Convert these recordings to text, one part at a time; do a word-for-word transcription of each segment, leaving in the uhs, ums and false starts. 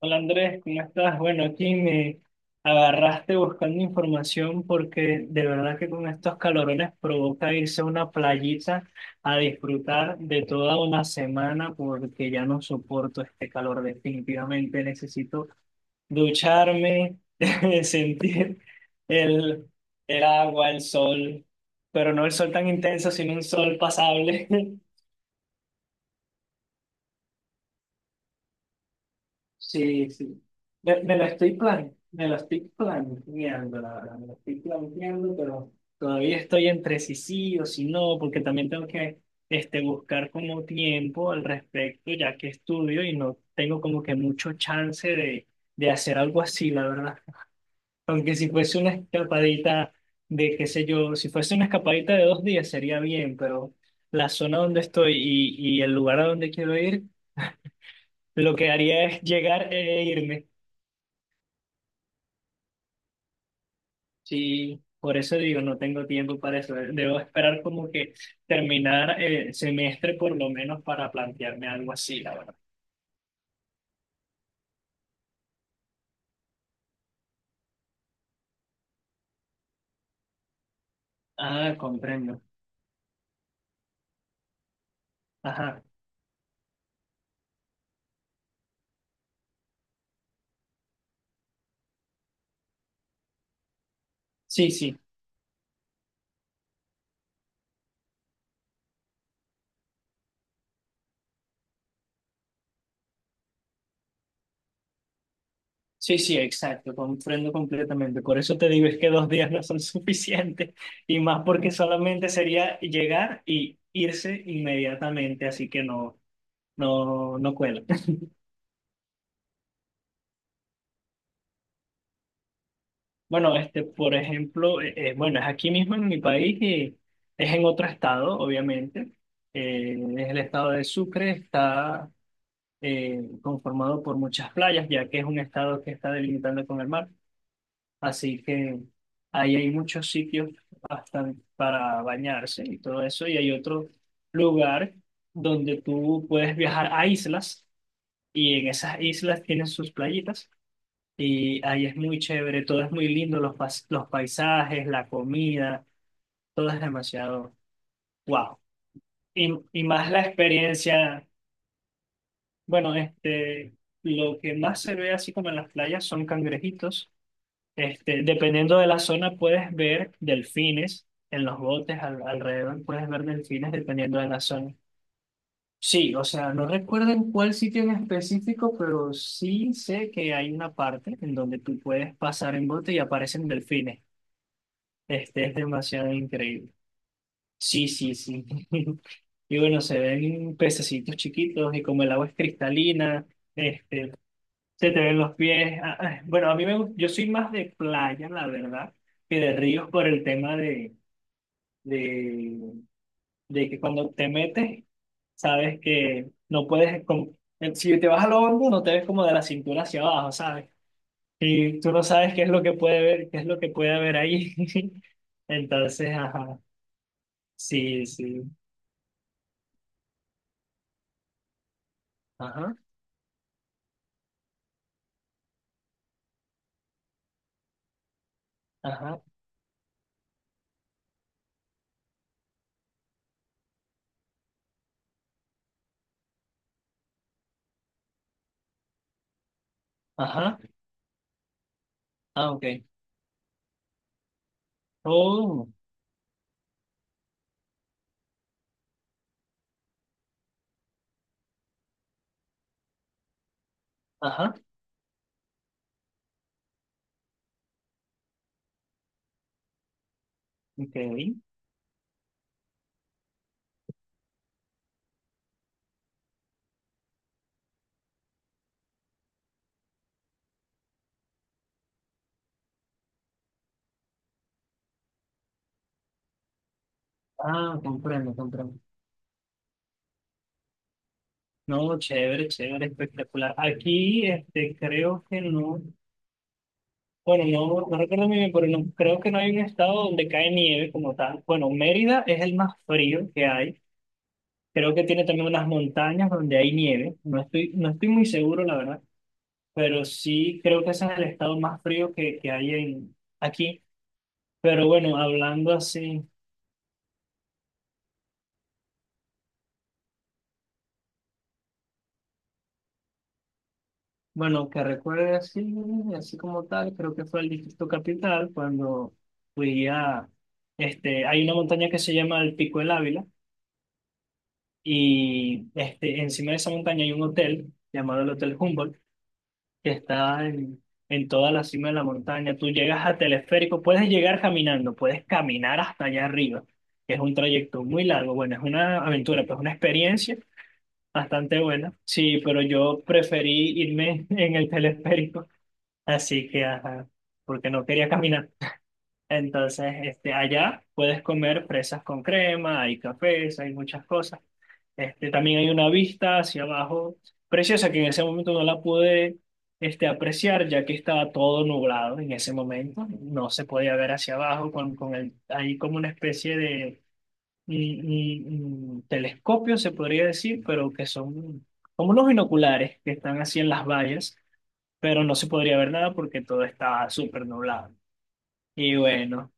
Hola Andrés, ¿cómo estás? Bueno, aquí me agarraste buscando información porque de verdad que con estos calorones provoca irse a una playita a disfrutar de toda una semana porque ya no soporto este calor definitivamente. Necesito ducharme, sentir el, el agua, el sol, pero no el sol tan intenso, sino un sol pasable. Sí, sí. Me, me la estoy plan, me la estoy planteando, la verdad, me la estoy planteando, pero todavía estoy entre si sí o si no, porque también tengo que este, buscar como tiempo al respecto, ya que estudio y no tengo como que mucho chance de, de hacer algo así, la verdad. Aunque si fuese una escapadita de, qué sé yo, si fuese una escapadita de dos días sería bien, pero la zona donde estoy y, y el lugar a donde quiero ir, lo que haría es llegar e irme. Sí, por eso digo, no tengo tiempo para eso. Debo esperar como que terminar el semestre por lo menos para plantearme algo así, la verdad. Ah, comprendo. Ajá. Sí, sí. Sí, sí, exacto. Comprendo completamente. Por eso te digo, es que dos días no son suficientes. Y más porque solamente sería llegar y irse inmediatamente. Así que no, no, no cuela. Bueno, este, por ejemplo, eh, eh, bueno, es aquí mismo en mi país y es en otro estado, obviamente. Eh, es el estado de Sucre, está eh, conformado por muchas playas, ya que es un estado que está delimitando con el mar. Así que ahí hay muchos sitios bastante para bañarse y todo eso. Y hay otro lugar donde tú puedes viajar a islas y en esas islas tienen sus playitas y ahí es muy chévere, todo es muy lindo, los, pas- los paisajes, la comida, todo es demasiado wow. Y, y más la experiencia, bueno, este, lo que más se ve así como en las playas son cangrejitos. Este, dependiendo de la zona puedes ver delfines en los botes al- alrededor, puedes ver delfines dependiendo de la zona. Sí, o sea, no recuerdo en cuál sitio en específico, pero sí sé que hay una parte en donde tú puedes pasar en bote y aparecen delfines. Este es demasiado increíble. Sí, sí, sí. Y bueno, se ven pececitos chiquitos y como el agua es cristalina, este, se te ven los pies. Ah, ah, bueno, a mí me gusta, yo soy más de playa, la verdad, que de ríos por el tema de, de, de que cuando te metes, sabes que no puedes, como- eh, si te vas a lo hondo, no te ves como de la cintura hacia abajo, ¿sabes? Y tú no sabes qué es lo que puede ver, qué es lo que puede haber ahí. Entonces, ajá. Sí, sí. Ajá, ajá, ajá. Ah, ok. Oh, ajá, ok. Ah, comprendo, comprendo. No, chévere, chévere, espectacular. Aquí, este, creo que no, bueno, no, no recuerdo muy bien, pero no, creo que no hay un estado donde cae nieve como tal. Bueno, Mérida es el más frío que hay. Creo que tiene también unas montañas donde hay nieve. No estoy, no estoy muy seguro, la verdad, pero sí creo que ese es el estado más frío que, que hay en, aquí. Pero bueno, hablando así. Bueno, que recuerde así, así como tal, creo que fue el Distrito Capital cuando fui a, este, hay una montaña que se llama el Pico del Ávila y este, encima de esa montaña hay un hotel llamado el Hotel Humboldt que está en, en toda la cima de la montaña. Tú llegas a teleférico, puedes llegar caminando, puedes caminar hasta allá arriba, que es un trayecto muy largo. Bueno, es una aventura, pues una experiencia bastante buena. Sí, pero yo preferí irme en el teleférico. Así que, ajá, porque no quería caminar. Entonces, este, allá puedes comer fresas con crema, hay cafés, hay muchas cosas. Este, también hay una vista hacia abajo preciosa que en ese momento no la pude, este, apreciar ya que estaba todo nublado en ese momento. No se podía ver hacia abajo con, con el, hay como una especie de mm, mm, mm, telescopio, se podría decir, pero que son como unos binoculares que están así en las vallas pero no se podría ver nada porque todo estaba súper nublado. Y bueno,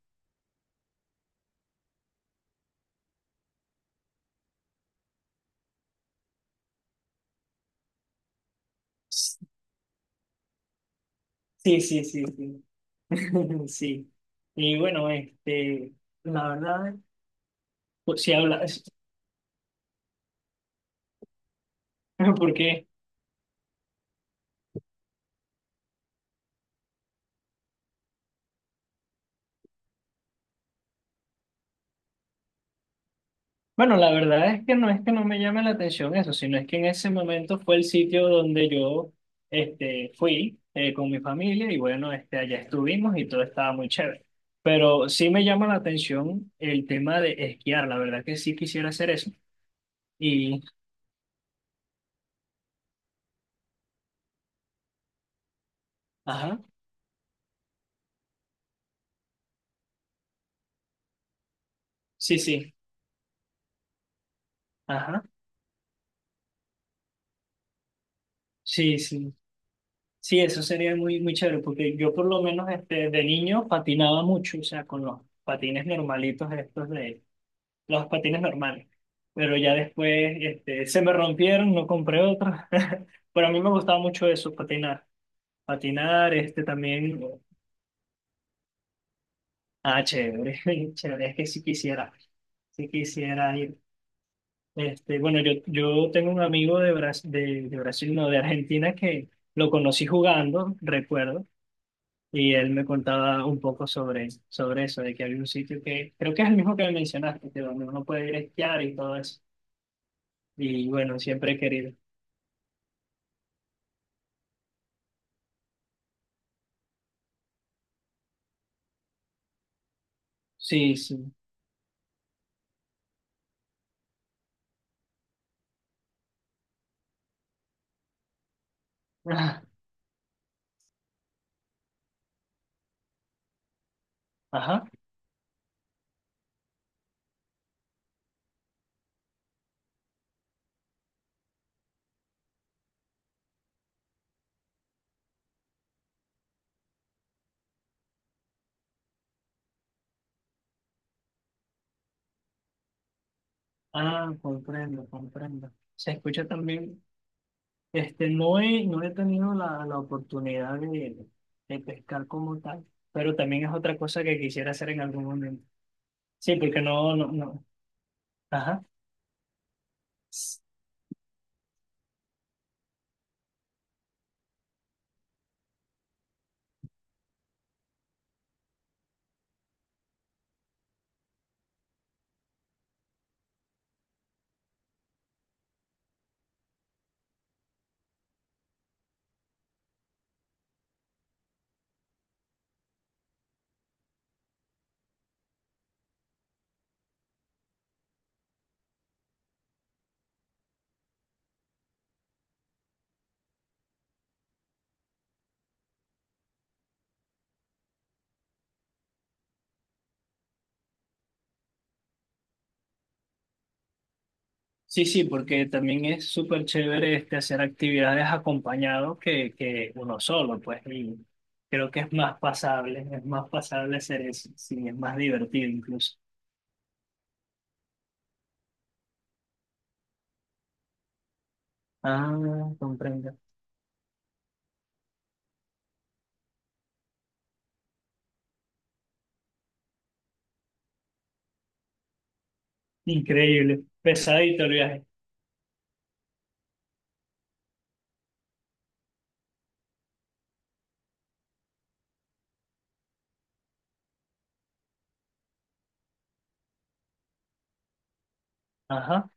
sí, sí, sí, sí. Sí. Y bueno, este, la verdad, pues si hablas, porque, bueno, la verdad es que no es que no me llame la atención eso, sino es que en ese momento fue el sitio donde yo, este, fui eh, con mi familia y bueno, este, allá estuvimos y todo estaba muy chévere. Pero sí me llama la atención el tema de esquiar, la verdad que sí quisiera hacer eso. Y, ajá, sí, sí. Ajá. Sí, sí. Sí, eso sería muy, muy chévere, porque yo por lo menos este, de niño patinaba mucho, o sea, con los patines normalitos estos de los patines normales. Pero ya después este, se me rompieron, no compré otros. Pero a mí me gustaba mucho eso, patinar. Patinar, este también. Ah, chévere, chévere, es que si quisiera, si quisiera ir. Este, bueno, yo, yo tengo un amigo de Bras de, de Brasil, no, de Argentina que lo conocí jugando, recuerdo. Y él me contaba un poco sobre, sobre eso, de que había un sitio que creo que es el mismo que me mencionaste, que donde uno puede ir a esquiar y todo eso. Y bueno, siempre he querido. Sí, sí. Ah, ajá. Ah, comprendo, comprendo. Se escucha también, este, no he, no he tenido la, la oportunidad de, de pescar como tal, pero también es otra cosa que quisiera hacer en algún momento. Sí, porque no, no, no. Ajá. Sí, sí, porque también es súper chévere este, hacer actividades acompañado que, que uno solo, pues, y creo que es más pasable, es más pasable hacer eso, sí, es más divertido incluso. Ah, comprendo. Increíble, pesadito el viaje. Ajá.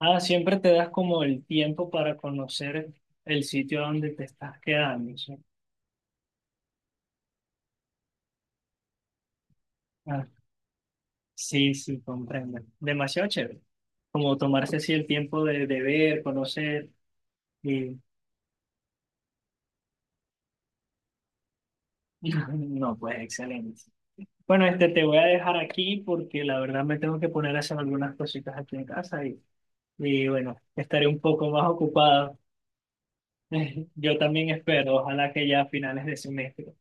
Ah, siempre te das como el tiempo para conocer el sitio donde te estás quedando, ¿sí? Ah, sí, sí, comprendo. Demasiado chévere. Como tomarse así el tiempo de, de ver, conocer. No, pues excelente. Bueno, este te voy a dejar aquí porque la verdad me tengo que poner a hacer algunas cositas aquí en casa y, y bueno, estaré un poco más ocupado. Yo también espero, ojalá que ya a finales de semestre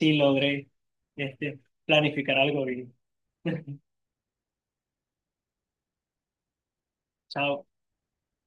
sí logre este, planificar algo bien. Chao.